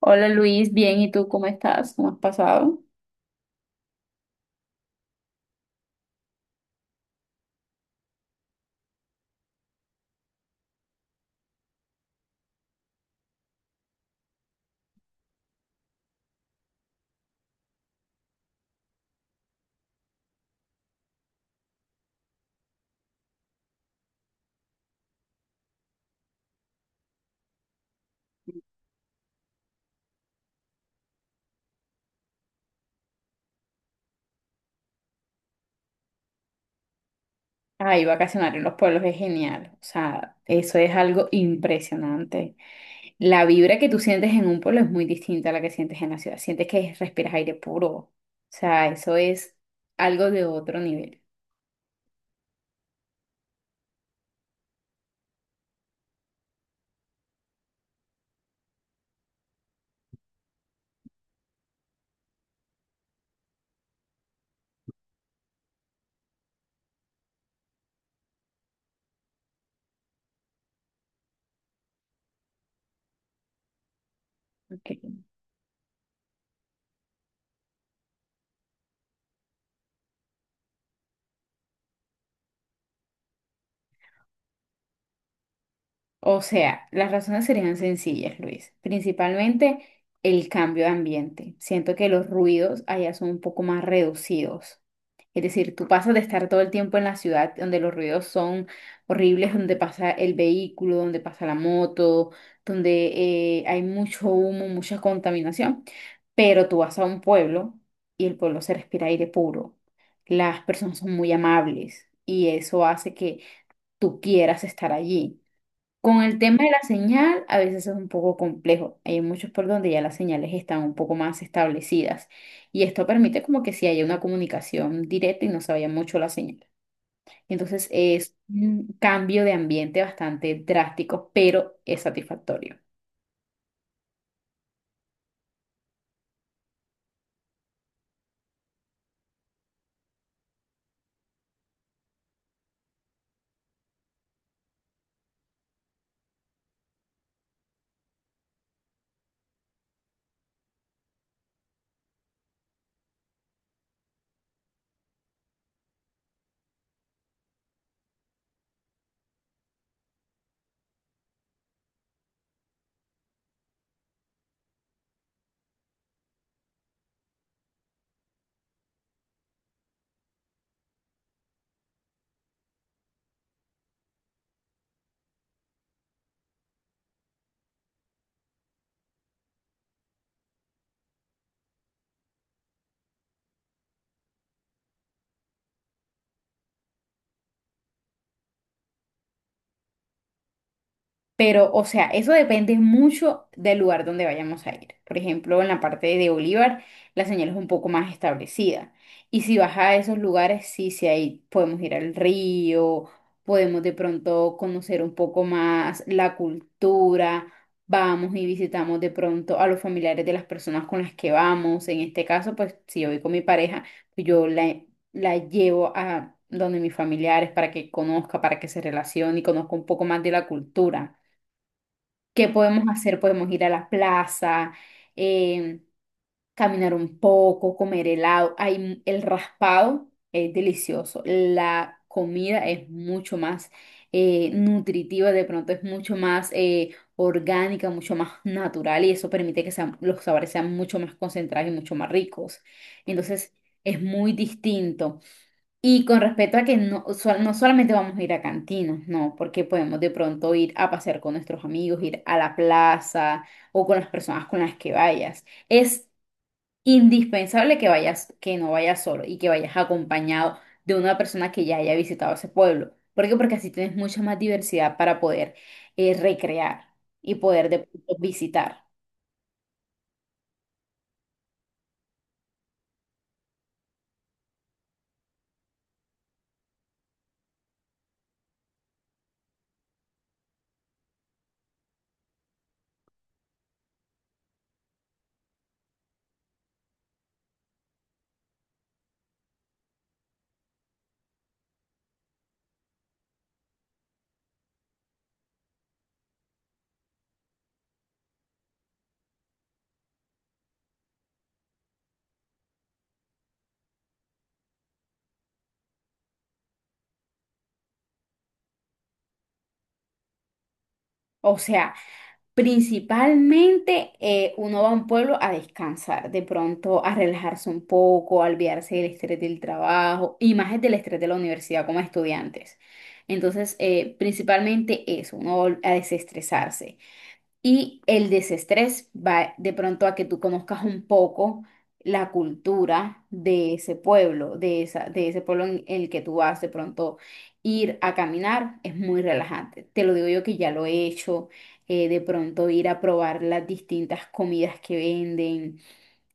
Hola Luis, bien, ¿y tú cómo estás? ¿Cómo has pasado? Ay, vacacionar en los pueblos es genial, o sea, eso es algo impresionante. La vibra que tú sientes en un pueblo es muy distinta a la que sientes en la ciudad, sientes que respiras aire puro, o sea, eso es algo de otro nivel. Ok. O sea, las razones serían sencillas, Luis, principalmente el cambio de ambiente. Siento que los ruidos allá son un poco más reducidos. Es decir, tú pasas de estar todo el tiempo en la ciudad donde los ruidos son horribles, donde pasa el vehículo, donde pasa la moto, donde hay mucho humo, mucha contaminación, pero tú vas a un pueblo y el pueblo se respira aire puro. Las personas son muy amables y eso hace que tú quieras estar allí. Con el tema de la señal, a veces es un poco complejo. Hay muchos por donde ya las señales están un poco más establecidas y esto permite como que si haya una comunicación directa y no se vaya mucho la señal. Entonces es un cambio de ambiente bastante drástico, pero es satisfactorio. Pero, o sea, eso depende mucho del lugar donde vayamos a ir. Por ejemplo, en la parte de Bolívar, la señal es un poco más establecida. Y si vas a esos lugares, sí, sí, ahí podemos ir al río, podemos de pronto conocer un poco más la cultura, vamos y visitamos de pronto a los familiares de las personas con las que vamos. En este caso, pues si yo voy con mi pareja, pues, la llevo a donde mis familiares para que conozca, para que se relacione y conozca un poco más de la cultura. ¿Qué podemos hacer? Podemos ir a la plaza, eh, caminar un poco, comer helado. El raspado es delicioso. La comida es mucho más nutritiva, de pronto es mucho más orgánica, mucho más natural y eso permite que los sabores sean mucho más concentrados y mucho más ricos. Entonces es muy distinto. Y con respecto a que no, no solamente vamos a ir a cantinas, no, porque podemos de pronto ir a pasear con nuestros amigos, ir a la plaza o con las personas con las que vayas. Es indispensable que vayas, que no vayas solo y que vayas acompañado de una persona que ya haya visitado ese pueblo. ¿Por qué? Porque así tienes mucha más diversidad para poder recrear y poder de pronto visitar. O sea, principalmente uno va a un pueblo a descansar, de pronto a relajarse un poco, a olvidarse del estrés del trabajo y más es del estrés de la universidad como estudiantes. Entonces, principalmente eso, uno va a desestresarse. Y el desestrés va de pronto a que tú conozcas un poco la cultura de ese pueblo, de ese pueblo en el que tú vas. De pronto ir a caminar es muy relajante. Te lo digo yo que ya lo he hecho. De pronto ir a probar las distintas comidas que venden,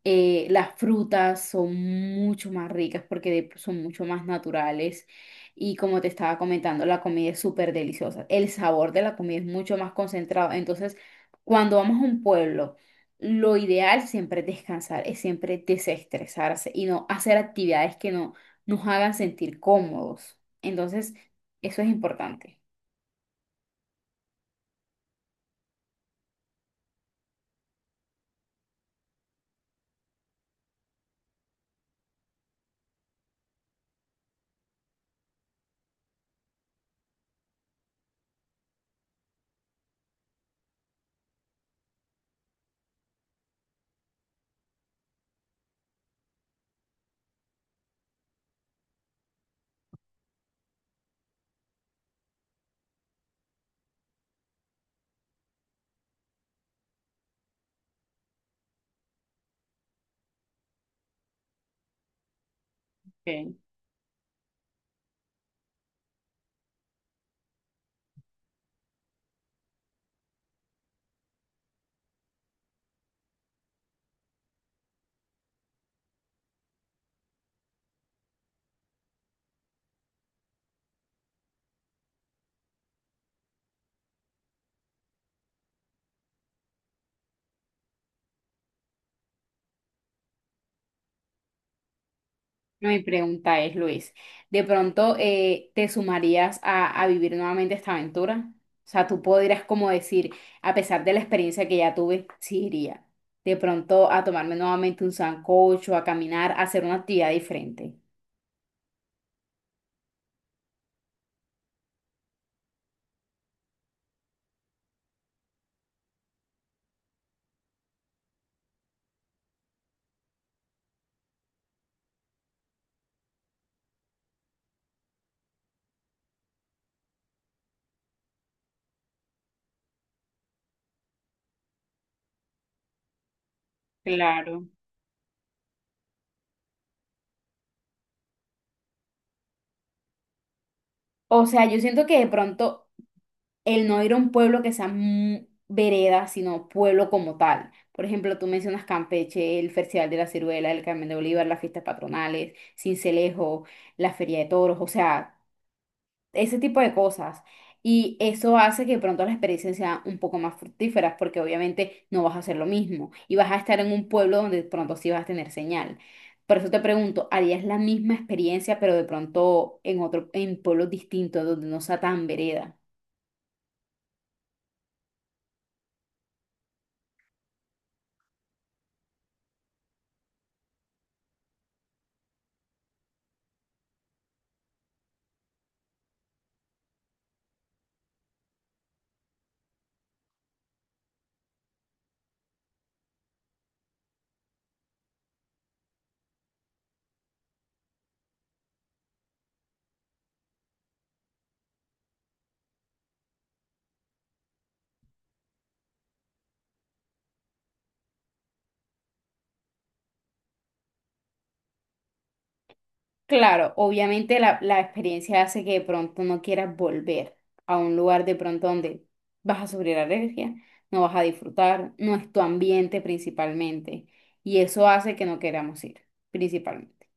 las frutas son mucho más ricas porque son mucho más naturales y como te estaba comentando, la comida es súper deliciosa. El sabor de la comida es mucho más concentrado. Entonces, cuando vamos a un pueblo, lo ideal siempre es descansar, es siempre desestresarse y no hacer actividades que no nos hagan sentir cómodos. Entonces, eso es importante. No, mi pregunta es, Luis, ¿de pronto te sumarías a vivir nuevamente esta aventura? O sea, tú podrías como decir, a pesar de la experiencia que ya tuve, sí iría. De pronto a tomarme nuevamente un sancocho, a caminar, a hacer una actividad diferente. Claro. O sea, yo siento que de pronto el no ir a un pueblo que sea vereda, sino pueblo como tal. Por ejemplo, tú mencionas Campeche, el Festival de la Ciruela, el Carmen de Bolívar, las fiestas patronales, Sincelejo, la Feria de Toros. O sea, ese tipo de cosas. Y eso hace que de pronto las experiencias sean un poco más fructíferas, porque obviamente no vas a hacer lo mismo y vas a estar en un pueblo donde de pronto sí vas a tener señal. Por eso te pregunto, ¿harías la misma experiencia, pero de pronto en otro, en pueblos distintos, donde no sea tan vereda? Claro, obviamente la experiencia hace que de pronto no quieras volver a un lugar de pronto donde vas a sufrir alergia, no vas a disfrutar, no es tu ambiente principalmente. Y eso hace que no queramos ir, principalmente.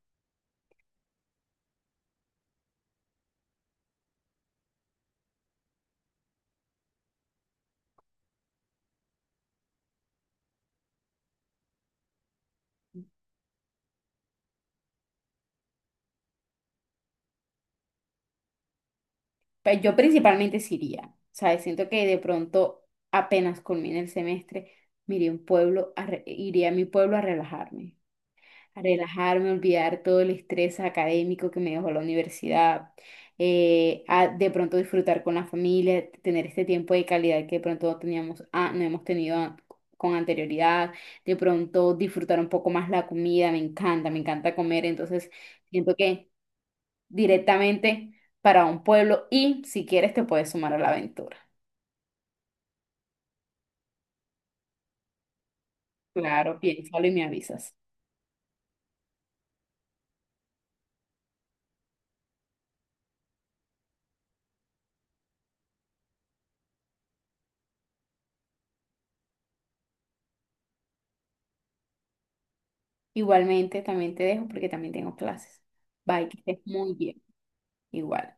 Pero yo principalmente sí iría, ¿sabes? Siento que de pronto apenas culmine el semestre, me iría a un pueblo, iría a mi pueblo a relajarme. Relajarme, olvidar todo el estrés académico que me dejó la universidad, a de pronto disfrutar con la familia, tener este tiempo de calidad que de pronto no teníamos, ah, no hemos con anterioridad, de pronto disfrutar un poco más la comida, me encanta comer, entonces siento que directamente para un pueblo y si quieres te puedes sumar a la aventura. Claro, piénsalo y me avisas. Igualmente, también te dejo porque también tengo clases. Bye, que estés muy bien. Igual.